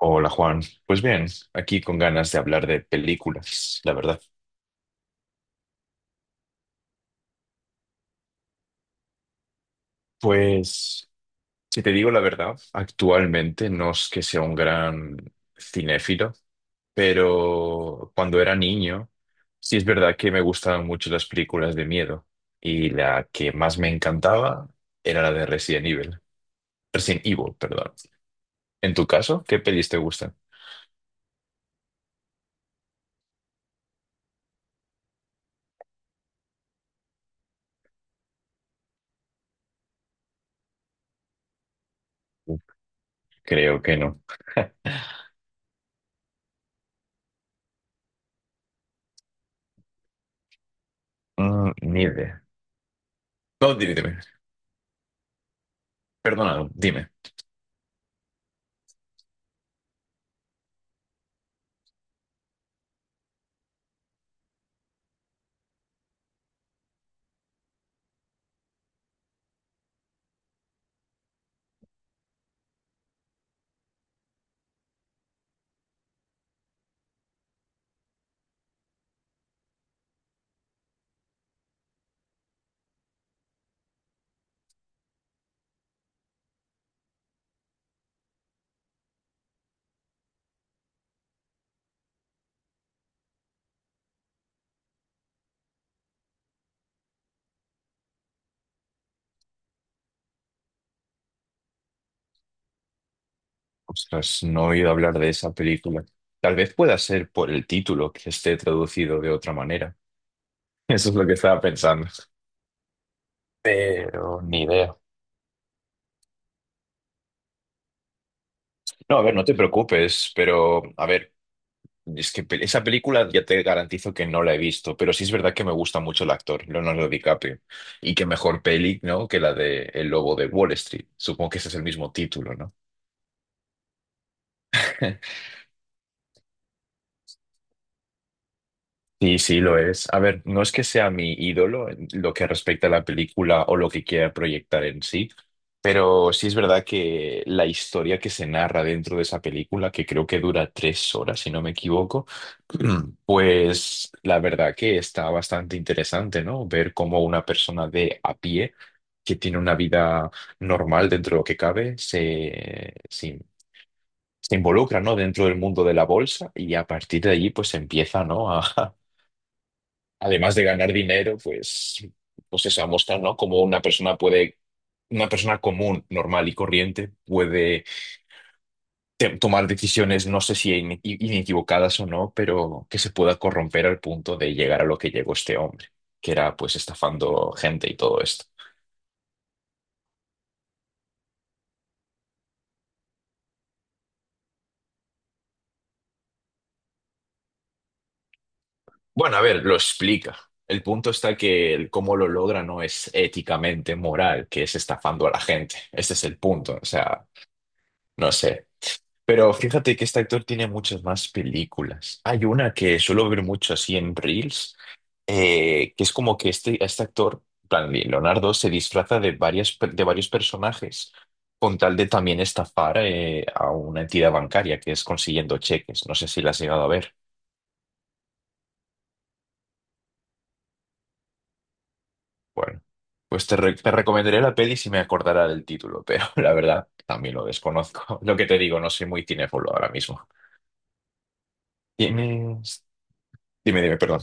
Hola Juan, pues bien, aquí con ganas de hablar de películas, la verdad. Pues, si te digo la verdad, actualmente no es que sea un gran cinéfilo, pero cuando era niño, sí es verdad que me gustaban mucho las películas de miedo y la que más me encantaba era la de Resident Evil. Resident Evil, perdón. En tu caso, ¿qué pelis te gustan? Creo que no. Mm, ni idea. No, dime. Perdona, dime. Ostras, no he oído hablar de esa película. Tal vez pueda ser por el título que esté traducido de otra manera. Eso es lo que estaba pensando. Pero ni idea. No, a ver, no te preocupes, pero a ver, es que esa película ya te garantizo que no la he visto, pero sí es verdad que me gusta mucho el actor, Leonardo DiCaprio. Y qué mejor peli, ¿no? Que la de El Lobo de Wall Street. Supongo que ese es el mismo título, ¿no? Sí, sí, lo es. A ver, no es que sea mi ídolo en lo que respecta a la película o lo que quiera proyectar en sí, pero sí es verdad que la historia que se narra dentro de esa película, que creo que dura tres horas, si no me equivoco, pues la verdad que está bastante interesante, ¿no? Ver cómo una persona de a pie, que tiene una vida normal dentro de lo que cabe, se involucra, ¿no? Dentro del mundo de la bolsa y a partir de allí, pues empieza, ¿no? A, además de ganar dinero, pues eso, a mostrar, ¿no? Cómo una persona puede, una persona común, normal y corriente puede tomar decisiones, no sé si inequivocadas o no, pero que se pueda corromper al punto de llegar a lo que llegó este hombre, que era pues estafando gente y todo esto. Bueno, a ver, lo explica. El punto está que el cómo lo logra no es éticamente moral, que es estafando a la gente. Ese es el punto. O sea, no sé. Pero fíjate que este actor tiene muchas más películas. Hay una que suelo ver mucho así en Reels, que es como que este actor, en plan Leonardo, se disfraza de varias, de varios personajes con tal de también estafar a una entidad bancaria, que es consiguiendo cheques. No sé si la has llegado a ver. Bueno, pues te recomendaré la peli si me acordara del título, pero la verdad también lo desconozco. Lo que te digo, no soy muy cinéfilo ahora mismo. Tienes... Dime, perdón.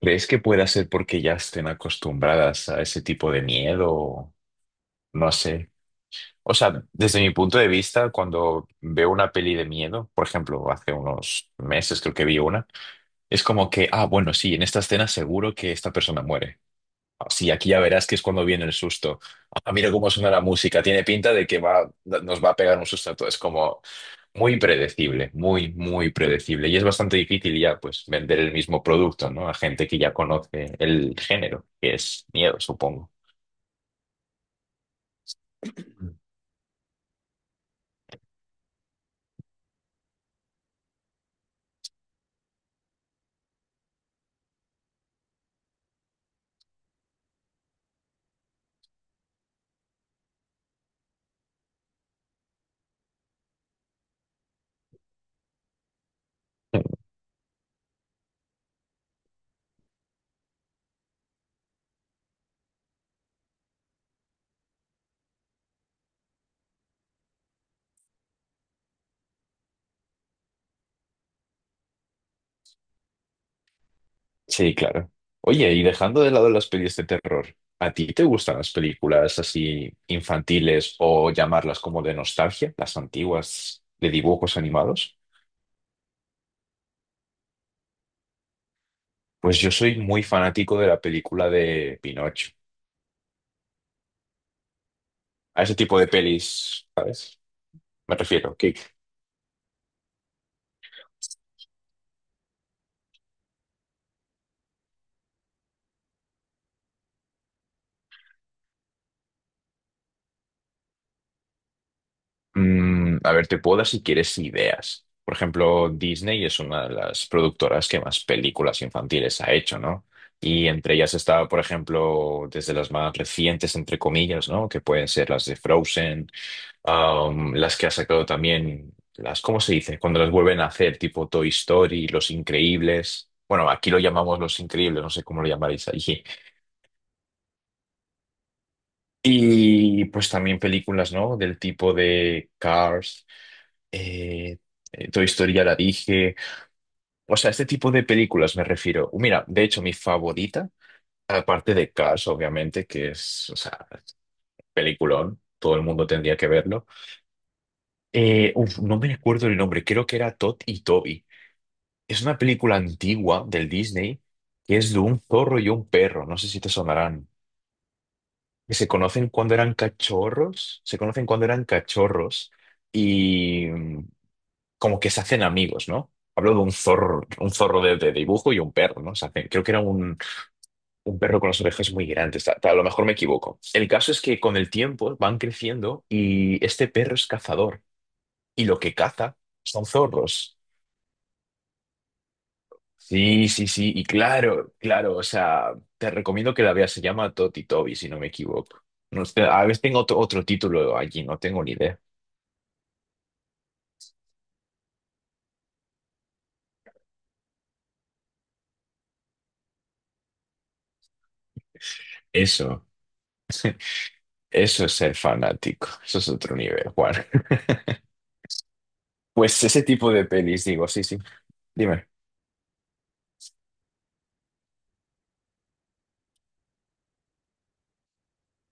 ¿Crees que pueda ser porque ya estén acostumbradas a ese tipo de miedo? No sé. O sea, desde mi punto de vista, cuando veo una peli de miedo, por ejemplo, hace unos meses creo que vi una, es como que, ah, bueno, sí, en esta escena seguro que esta persona muere. Ah, sí, aquí ya verás que es cuando viene el susto. Ah, mira cómo suena la música, tiene pinta de que va, nos va a pegar un susto a todos. Es como, muy predecible, muy predecible. Y es bastante difícil ya, pues, vender el mismo producto, ¿no? A gente que ya conoce el género, que es miedo, supongo. Sí, claro. Oye, y dejando de lado las pelis de terror, ¿a ti te gustan las películas así infantiles o llamarlas como de nostalgia, las antiguas de dibujos animados? Pues yo soy muy fanático de la película de Pinocho. A ese tipo de pelis, ¿sabes? Me refiero, que... Mm, a ver, te puedo dar si quieres ideas. Por ejemplo, Disney es una de las productoras que más películas infantiles ha hecho, ¿no? Y entre ellas está, por ejemplo, desde las más recientes, entre comillas, ¿no? Que pueden ser las de Frozen, las que ha sacado también, las, ¿cómo se dice? Cuando las vuelven a hacer, tipo Toy Story, Los Increíbles. Bueno, aquí lo llamamos Los Increíbles, no sé cómo lo llamaréis allí. Y pues también películas, ¿no? Del tipo de Cars. Eh, Toy Story ya la dije. O sea, este tipo de películas me refiero. Mira, de hecho, mi favorita, aparte de Cars, obviamente, que es, o sea, peliculón, todo el mundo tendría que verlo. Uf, no me recuerdo el nombre, creo que era Todd y Toby. Es una película antigua del Disney que es de un zorro y un perro, no sé si te sonarán. Que se conocen cuando eran cachorros, se conocen cuando eran cachorros y mm, como que se hacen amigos, ¿no? Hablo de un zorro de dibujo y un perro, ¿no? Se hacen- creo que era un perro con las orejas muy grandes, a lo mejor me equivoco. El caso es que con el tiempo van creciendo y este perro es cazador y lo que caza son zorros. Sí, sí, sí, y claro, claro, o sea, te recomiendo que la veas, se llama Toti Toby, si no me equivoco. No sé, a veces tengo otro título allí, no tengo ni idea. Eso, eso es ser fanático, eso es otro nivel, Juan. Pues ese tipo de pelis, digo, sí, sí. Dime.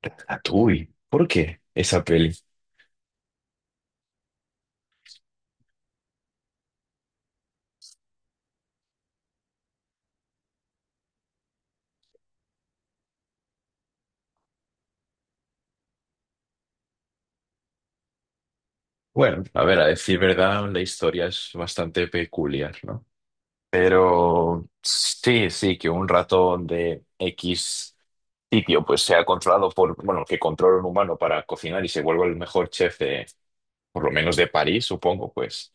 Ratatouille. ¿Por qué esa peli? Bueno, a ver, a decir verdad, la historia es bastante peculiar, ¿no? Pero sí, sí, que un ratón de X sitio pues sea controlado por, bueno, que controla un humano para cocinar y se vuelva el mejor chef de, por lo menos de París, supongo, pues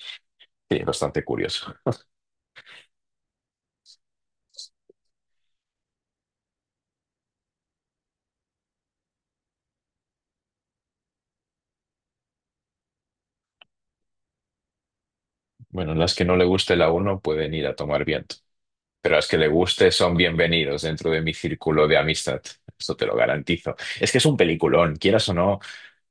sí, es bastante curioso. Bueno, las que no le guste la uno pueden ir a tomar viento. Pero las que le guste son bienvenidos dentro de mi círculo de amistad. Eso te lo garantizo. Es que es un peliculón, quieras o no,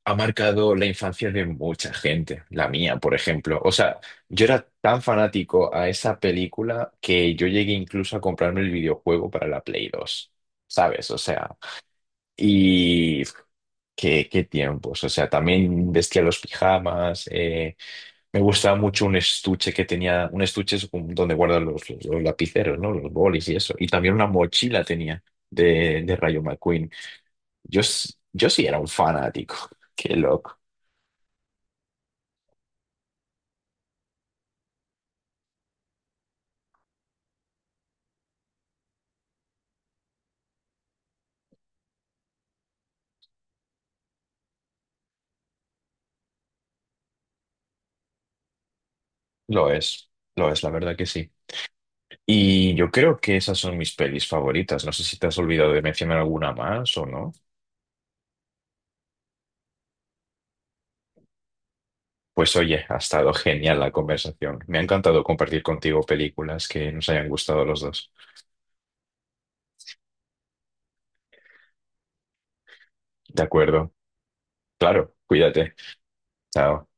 ha marcado la infancia de mucha gente, la mía, por ejemplo. O sea, yo era tan fanático a esa película que yo llegué incluso a comprarme el videojuego para la Play 2, ¿sabes? O sea, y qué, qué tiempos. O sea, también vestía los pijamas, me gustaba mucho un estuche que tenía, un estuche es un- donde guardan los lapiceros, ¿no? Los bolis y eso. Y también una mochila tenía de Rayo McQueen. Yo sí era un fanático. Qué loco. Lo es, lo es, la verdad que sí. Y yo creo que esas son mis pelis favoritas. No sé si te has olvidado de mencionar alguna más o no. Pues oye, ha estado genial la conversación. Me ha encantado compartir contigo películas que nos hayan gustado los dos. De acuerdo. Claro, cuídate. Chao.